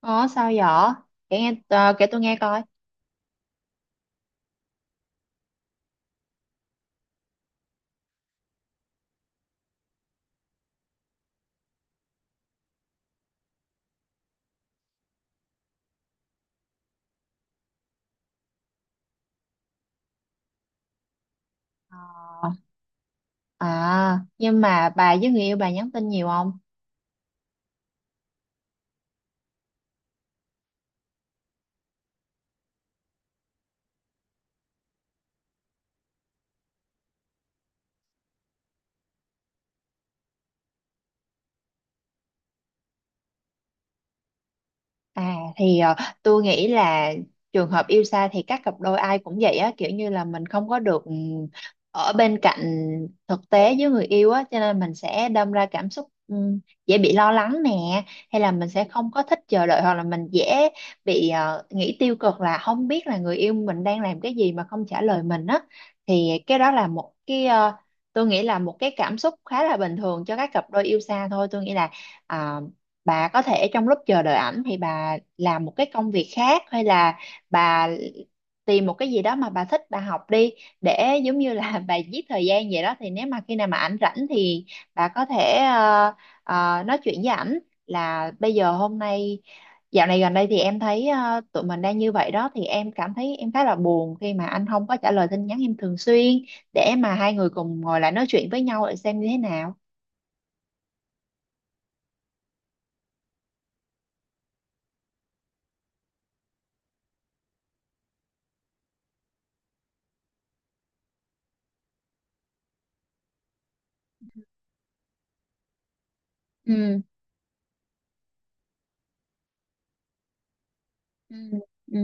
Ồ, sao vậy? Kể nghe kể tôi nghe coi. Ờ. À, nhưng mà bà với người yêu bà nhắn tin nhiều không? À thì ờ, tôi nghĩ là trường hợp yêu xa thì các cặp đôi ai cũng vậy á, kiểu như là mình không có được ở bên cạnh thực tế với người yêu á, cho nên mình sẽ đâm ra cảm xúc dễ bị lo lắng nè, hay là mình sẽ không có thích chờ đợi, hoặc là mình dễ bị nghĩ tiêu cực, là không biết là người yêu mình đang làm cái gì mà không trả lời mình á. Thì cái đó là một cái tôi nghĩ là một cái cảm xúc khá là bình thường cho các cặp đôi yêu xa thôi. Tôi nghĩ là à, bà có thể trong lúc chờ đợi ảnh thì bà làm một cái công việc khác, hay là bà tìm một cái gì đó mà bà thích bà học đi, để giống như là bà giết thời gian vậy đó. Thì nếu mà khi nào mà ảnh rảnh thì bà có thể ờ, nói chuyện với ảnh là bây giờ hôm nay dạo này gần đây thì em thấy tụi mình đang như vậy đó, thì em cảm thấy em khá là buồn khi mà anh không có trả lời tin nhắn em thường xuyên, để mà hai người cùng ngồi lại nói chuyện với nhau để xem như thế nào. Ừ, ừ, ừ.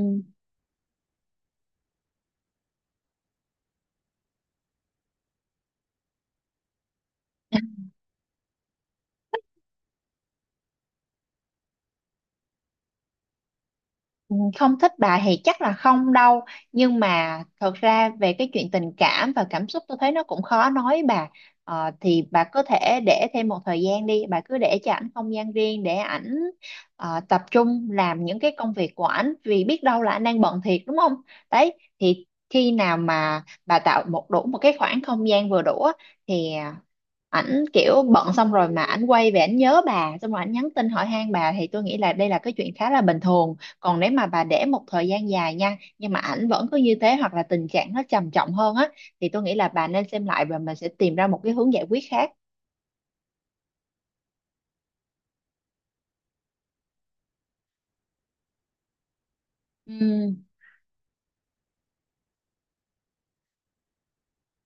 Ừ, không thích bà thì chắc là không đâu, nhưng mà thật ra về cái chuyện tình cảm và cảm xúc tôi thấy nó cũng khó nói bà. Ờ, thì bà có thể để thêm một thời gian đi, bà cứ để cho ảnh không gian riêng để ảnh tập trung làm những cái công việc của ảnh, vì biết đâu là anh đang bận thiệt đúng không. Đấy, thì khi nào mà bà tạo một đủ một cái khoảng không gian vừa đủ á, thì à, ảnh kiểu bận xong rồi mà ảnh quay về ảnh nhớ bà xong rồi ảnh nhắn tin hỏi han bà, thì tôi nghĩ là đây là cái chuyện khá là bình thường. Còn nếu mà bà để một thời gian dài nha nhưng mà ảnh vẫn cứ như thế, hoặc là tình trạng nó trầm trọng hơn á, thì tôi nghĩ là bà nên xem lại và mình sẽ tìm ra một cái hướng giải quyết khác. Ừ.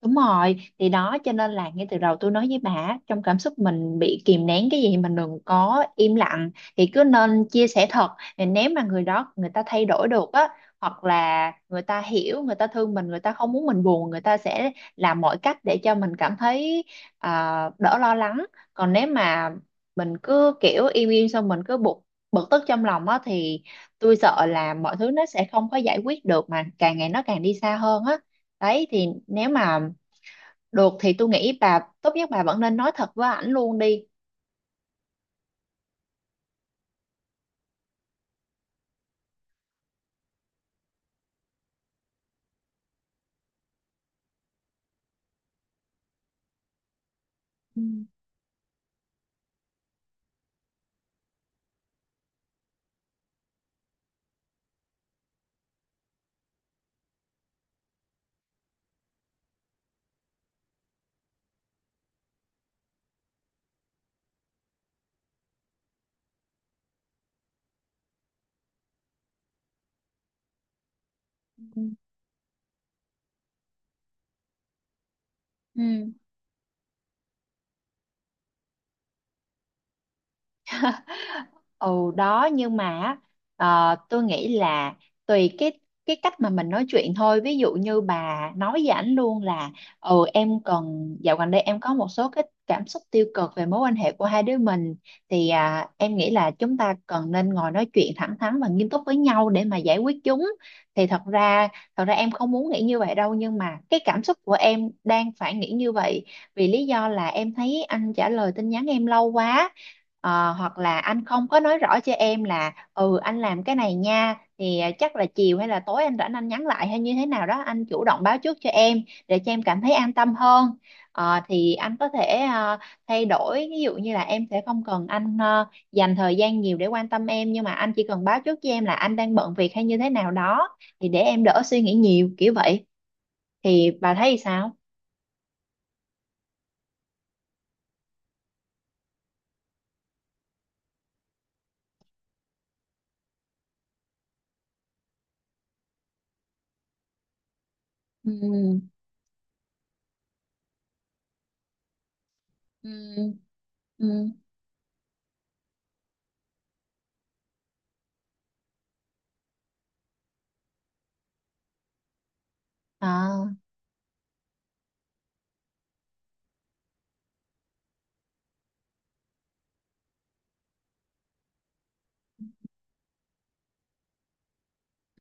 Đúng rồi, thì đó, cho nên là ngay từ đầu tôi nói với bà, trong cảm xúc mình bị kìm nén cái gì mình đừng có im lặng, thì cứ nên chia sẻ thật. Thì nếu mà người đó người ta thay đổi được á, hoặc là người ta hiểu, người ta thương mình, người ta không muốn mình buồn, người ta sẽ làm mọi cách để cho mình cảm thấy à, đỡ lo lắng. Còn nếu mà mình cứ kiểu im im xong mình cứ bực bực tức trong lòng á, thì tôi sợ là mọi thứ nó sẽ không có giải quyết được, mà càng ngày nó càng đi xa hơn á. Đấy, thì nếu mà được thì tôi nghĩ bà tốt nhất bà vẫn nên nói thật với ảnh luôn đi. Ừ. Ừ. Ừ đó nhưng mà á, ờ, Tôi nghĩ là tùy cái cách mà mình nói chuyện thôi. Ví dụ như bà nói với ảnh luôn là ừ em cần dạo gần đây em có một số cái cảm xúc tiêu cực về mối quan hệ của hai đứa mình, thì à, em nghĩ là chúng ta cần nên ngồi nói chuyện thẳng thắn và nghiêm túc với nhau để mà giải quyết chúng. Thì thật ra Thật ra em không muốn nghĩ như vậy đâu, nhưng mà cái cảm xúc của em đang phải nghĩ như vậy, vì lý do là em thấy anh trả lời tin nhắn em lâu quá. Ờ, hoặc là anh không có nói rõ cho em là ừ anh làm cái này nha thì à, chắc là chiều hay là tối anh rảnh anh nhắn lại, hay như thế nào đó anh chủ động báo trước cho em, để cho em cảm thấy an tâm hơn. Ờ, thì anh có thể à, thay đổi, ví dụ như là em sẽ không cần anh à, dành thời gian nhiều để quan tâm em, nhưng mà anh chỉ cần báo trước cho em là anh đang bận việc hay như thế nào đó, thì để em đỡ suy nghĩ nhiều kiểu vậy. Thì bà thấy sao? Ừ, ừ, ừ, à,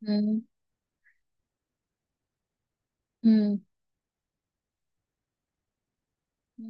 ừ, ừ.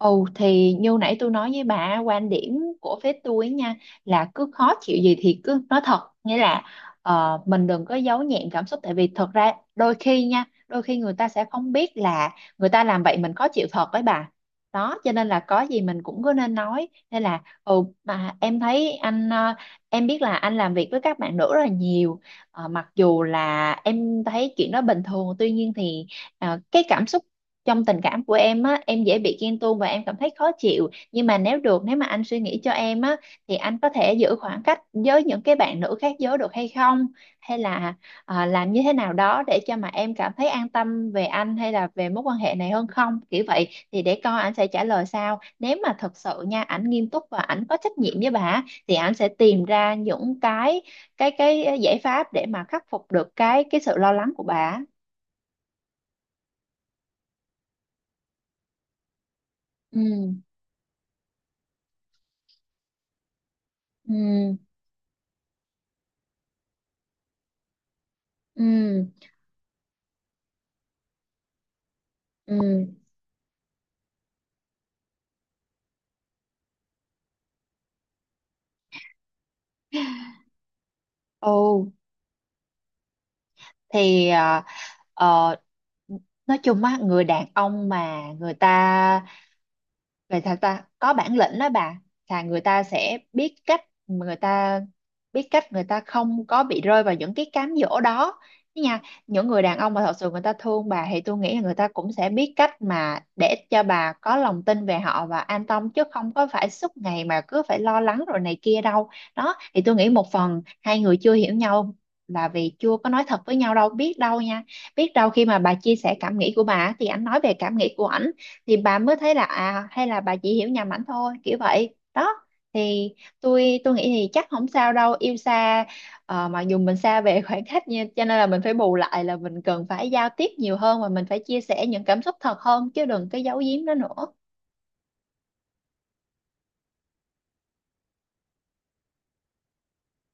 Ồ thì như nãy tôi nói với bà quan điểm của phía tôi ấy nha, là cứ khó chịu gì thì cứ nói thật, nghĩa là mình đừng có giấu nhẹm cảm xúc, tại vì thật ra đôi khi nha, đôi khi người ta sẽ không biết là người ta làm vậy mình khó chịu thật với bà. Đó cho nên là có gì mình cũng cứ nên nói, nên là ừ mà em thấy anh em biết là anh làm việc với các bạn nữ rất là nhiều. Ờ, mặc dù là em thấy chuyện đó bình thường, tuy nhiên thì cái cảm xúc trong tình cảm của em á, em dễ bị ghen tuông và em cảm thấy khó chịu, nhưng mà nếu được, nếu mà anh suy nghĩ cho em á, thì anh có thể giữ khoảng cách với những cái bạn nữ khác giới được hay không, hay là à, làm như thế nào đó để cho mà em cảm thấy an tâm về anh hay là về mối quan hệ này hơn không, kiểu vậy. Thì để coi anh sẽ trả lời sao, nếu mà thật sự nha ảnh nghiêm túc và ảnh có trách nhiệm với bà á, thì ảnh sẽ tìm ra những cái cái giải pháp để mà khắc phục được cái sự lo lắng của bà á. Ừ, ừ, ừ. Ừ. Ồ, thì ờ, nói chung á, người đàn ông mà người ta vậy thật ta có bản lĩnh đó bà, là người ta sẽ biết cách, người ta biết cách, người ta không có bị rơi vào những cái cám dỗ đó. Thế nha, những người đàn ông mà thật sự người ta thương bà thì tôi nghĩ là người ta cũng sẽ biết cách mà để cho bà có lòng tin về họ và an tâm, chứ không có phải suốt ngày mà cứ phải lo lắng rồi này kia đâu. Đó, thì tôi nghĩ một phần hai người chưa hiểu nhau là vì chưa có nói thật với nhau đâu. Biết đâu nha, biết đâu khi mà bà chia sẻ cảm nghĩ của bà thì anh nói về cảm nghĩ của ảnh, thì bà mới thấy là à hay là bà chỉ hiểu nhầm ảnh thôi, kiểu vậy đó. Thì tôi nghĩ thì chắc không sao đâu, yêu xa ờ, mặc dù mình xa về khoảng cách nha, cho nên là mình phải bù lại là mình cần phải giao tiếp nhiều hơn và mình phải chia sẻ những cảm xúc thật hơn, chứ đừng cái giấu giếm đó nữa.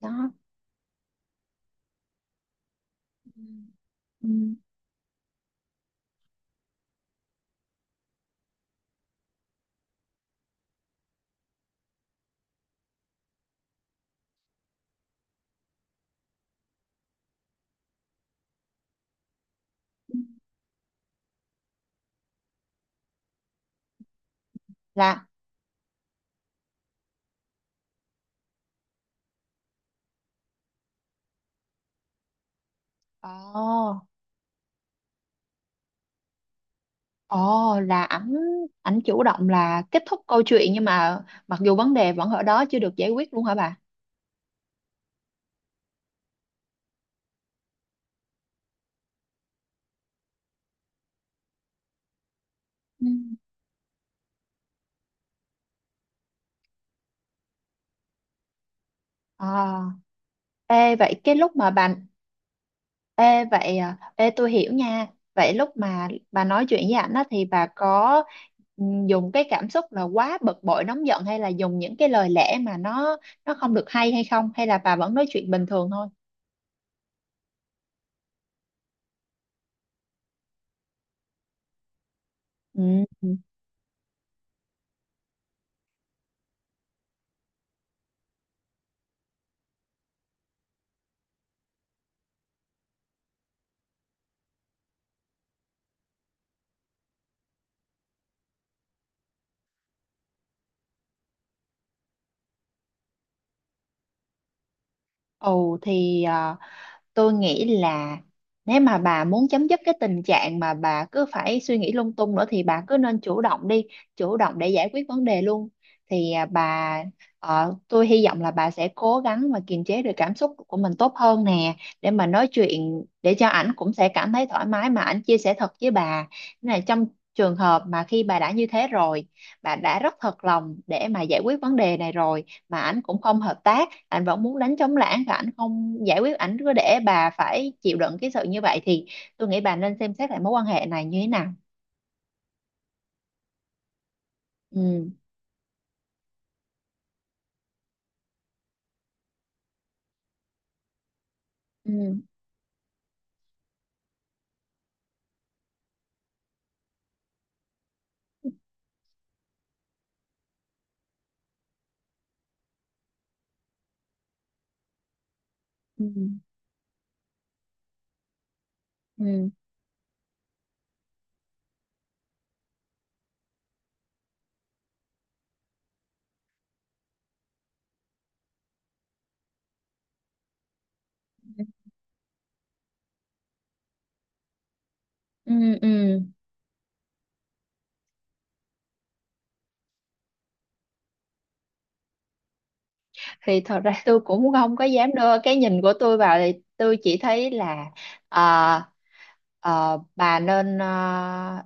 Đó. Ừ. Ừ. là ồ Ồ, là ảnh, ảnh chủ động là kết thúc câu chuyện nhưng mà mặc dù vấn đề vẫn ở đó chưa được giải quyết luôn hả bà? Ừ. À, ê, vậy cái lúc mà bà ê, vậy à, ê, tôi hiểu nha. Vậy lúc mà bà nói chuyện với ảnh á, thì bà có dùng cái cảm xúc là quá bực bội nóng giận, hay là dùng những cái lời lẽ mà nó không được hay hay không, hay là bà vẫn nói chuyện bình thường thôi? Ừ. Ồ thì à, tôi nghĩ là nếu mà bà muốn chấm dứt cái tình trạng mà bà cứ phải suy nghĩ lung tung nữa, thì bà cứ nên chủ động đi, chủ động để giải quyết vấn đề luôn. Thì à, bà ờ, tôi hy vọng là bà sẽ cố gắng mà kiềm chế được cảm xúc của mình tốt hơn nè, để mà nói chuyện để cho ảnh cũng sẽ cảm thấy thoải mái mà ảnh chia sẻ thật với bà. Nên là trong trường hợp mà khi bà đã như thế rồi, bà đã rất thật lòng để mà giải quyết vấn đề này rồi, mà ảnh cũng không hợp tác, ảnh vẫn muốn đánh trống lảng và ảnh không giải quyết, ảnh cứ để bà phải chịu đựng cái sự như vậy, thì tôi nghĩ bà nên xem xét lại mối quan hệ này như thế nào. Ừ, ừ, ừ, ừ, ừ, ừ. Thì thật ra tôi cũng không có dám đưa cái nhìn của tôi vào, thì tôi chỉ thấy là ờ, bà nên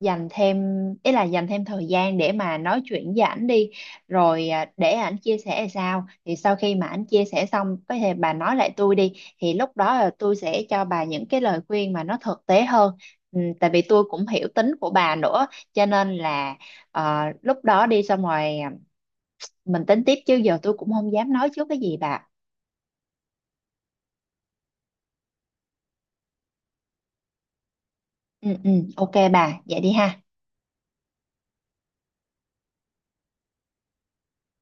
dành thêm, ý là dành thêm thời gian để mà nói chuyện với ảnh đi, rồi à, để ảnh chia sẻ là sao, thì sau khi mà ảnh chia sẻ xong có thể bà nói lại tôi đi, thì lúc đó là tôi sẽ cho bà những cái lời khuyên mà nó thực tế hơn. Ừ, tại vì tôi cũng hiểu tính của bà nữa, cho nên là lúc đó đi xong rồi à, mình tính tiếp, chứ giờ tôi cũng không dám nói trước cái gì bà. Ừ, ừ. OK bà, vậy đi ha.